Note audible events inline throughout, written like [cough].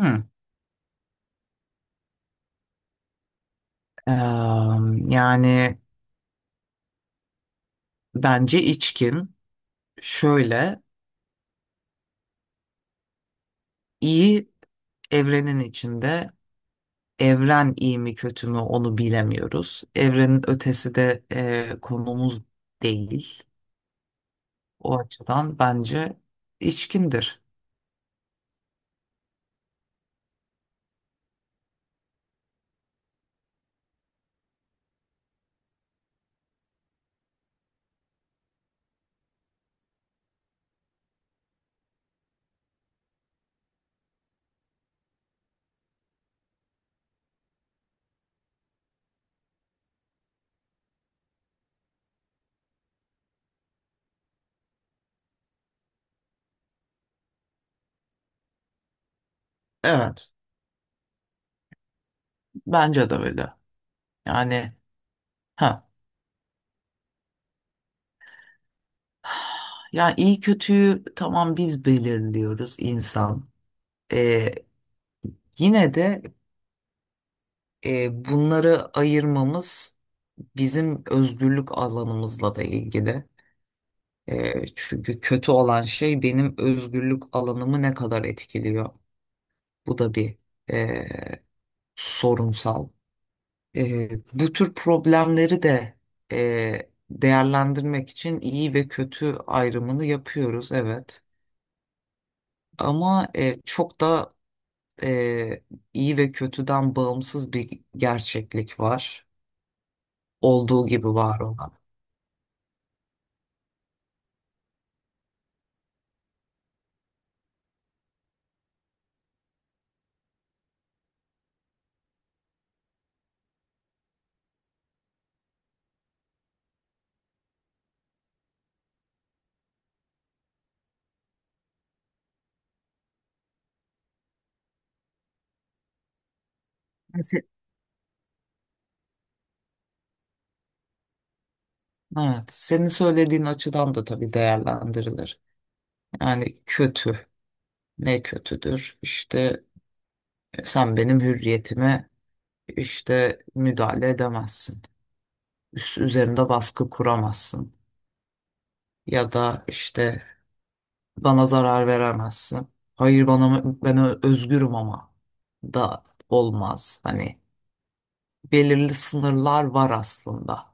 Hı. Eee, yani bence içkin, şöyle, iyi evrenin içinde, evren iyi mi kötü mü onu bilemiyoruz. Evrenin ötesi de konumuz değil. O açıdan bence içkindir. Evet, bence de öyle. Yani ha. Yani iyi kötüyü, tamam, biz belirliyoruz, insan. Eee, yine de bunları ayırmamız bizim özgürlük alanımızla da ilgili. E, çünkü kötü olan şey benim özgürlük alanımı ne kadar etkiliyor. Bu da bir e, sorunsal. E, bu tür problemleri de değerlendirmek için iyi ve kötü ayrımını yapıyoruz, evet. Ama çok da e, iyi ve kötüden bağımsız bir gerçeklik var. Olduğu gibi var olan. Yani evet, senin söylediğin açıdan da tabii değerlendirilir. Yani kötü, ne kötüdür? İşte sen benim hürriyetime işte müdahale edemezsin. Üzerinde baskı kuramazsın. Ya da işte bana zarar veremezsin. Hayır, bana ben özgürüm ama da olmaz. Hani belirli sınırlar var aslında.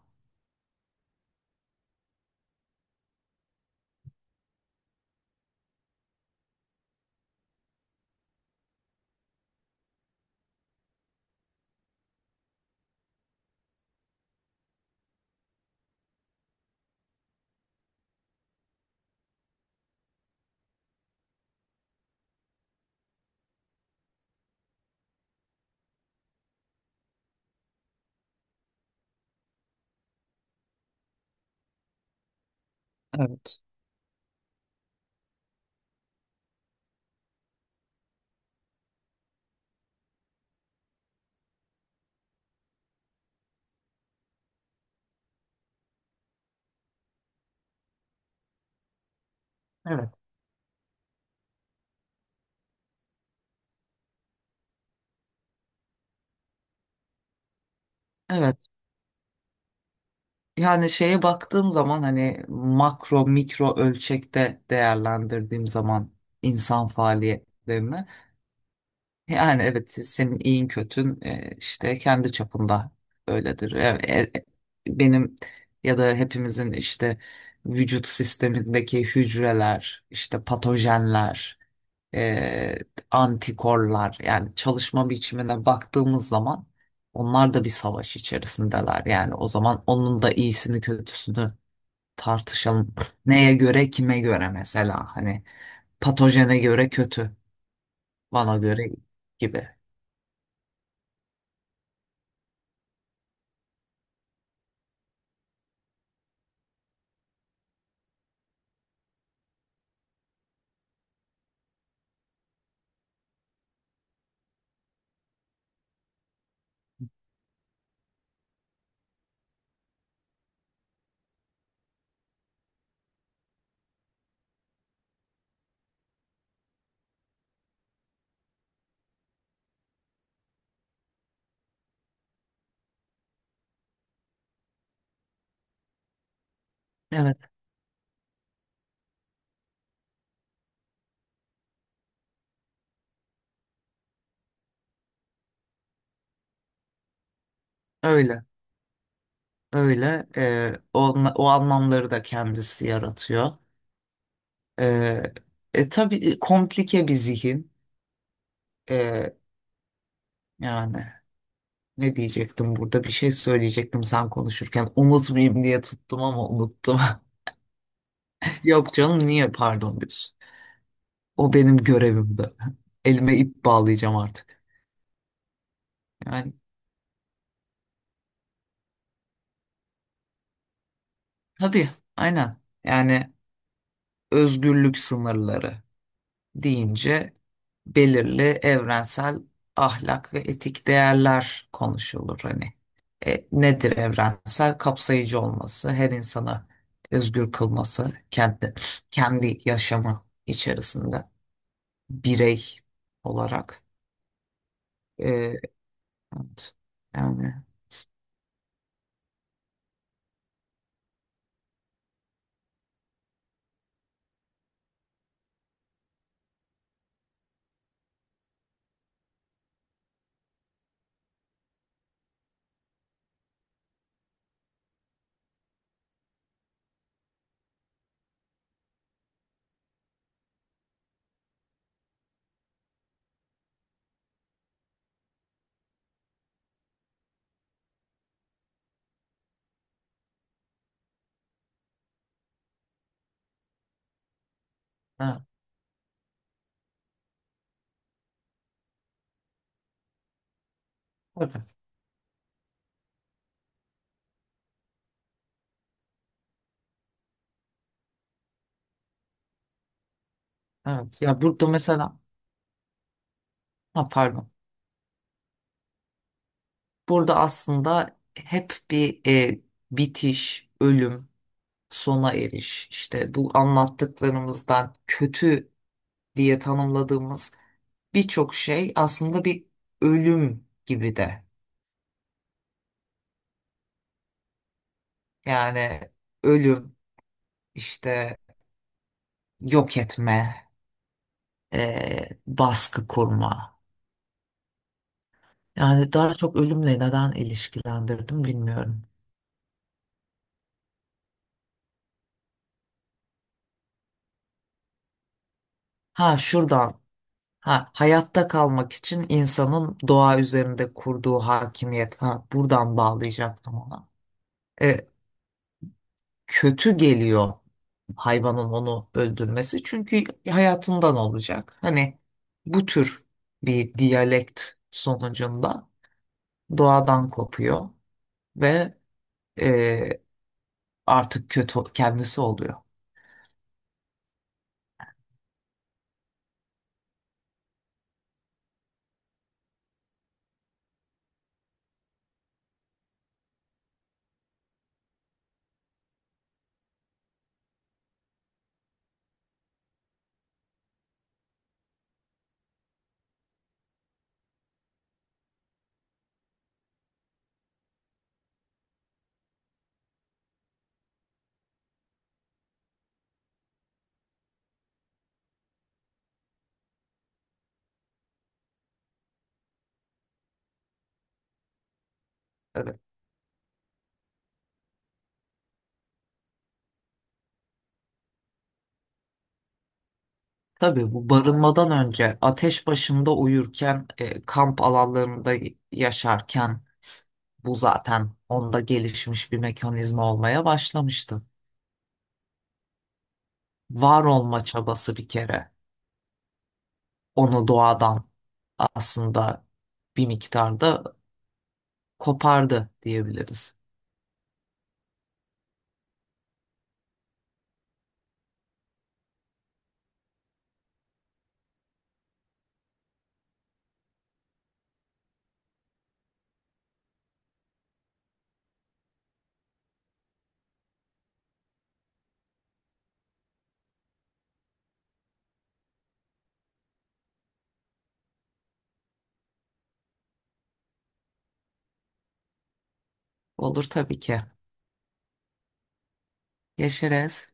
Evet. Evet. Evet. Yani şeye baktığım zaman, hani makro mikro ölçekte değerlendirdiğim zaman insan faaliyetlerini, yani evet, senin iyin kötün işte kendi çapında öyledir. Benim ya da hepimizin işte vücut sistemindeki hücreler, işte patojenler, e, antikorlar, yani çalışma biçimine baktığımız zaman onlar da bir savaş içerisindeler. Yani o zaman onun da iyisini kötüsünü tartışalım. Neye göre, kime göre, mesela hani patojene göre kötü. Bana göre gibi. Evet, öyle, öyle. O, o anlamları da kendisi yaratıyor. Ee, tabii, komplike bir zihin. Ee, yani ne diyecektim burada? Bir şey söyleyecektim sen konuşurken. Unutmayayım diye tuttum ama unuttum. [laughs] Yok canım, niye pardon diyorsun? O benim görevimdi. [laughs] Elime ip bağlayacağım artık. Yani tabii, aynen. Yani özgürlük sınırları deyince belirli evrensel ahlak ve etik değerler konuşulur. Hani nedir evrensel? Kapsayıcı olması, her insana özgür kılması, kendi yaşamı içerisinde birey olarak. E, evet. Yani evet, evet, evet. Ya burada mesela, ha, pardon. Burada aslında hep bir bitiş, ölüm, sona eriş, işte bu anlattıklarımızdan kötü diye tanımladığımız birçok şey aslında bir ölüm gibi de. Yani ölüm, işte yok etme, baskı kurma. Yani daha çok ölümle neden ilişkilendirdim bilmiyorum. Ha, şuradan. Ha, hayatta kalmak için insanın doğa üzerinde kurduğu hakimiyet. Ha, buradan bağlayacaktım ona. E, kötü geliyor hayvanın onu öldürmesi, çünkü hayatından olacak. Hani bu tür bir diyalekt sonucunda doğadan kopuyor ve e, artık kötü kendisi oluyor. Evet. Tabii bu barınmadan önce ateş başında uyurken, kamp alanlarında yaşarken bu zaten onda gelişmiş bir mekanizma olmaya başlamıştı. Var olma çabası bir kere onu doğadan aslında bir miktarda kopardı diyebiliriz. Olur tabii ki. Yaşarız.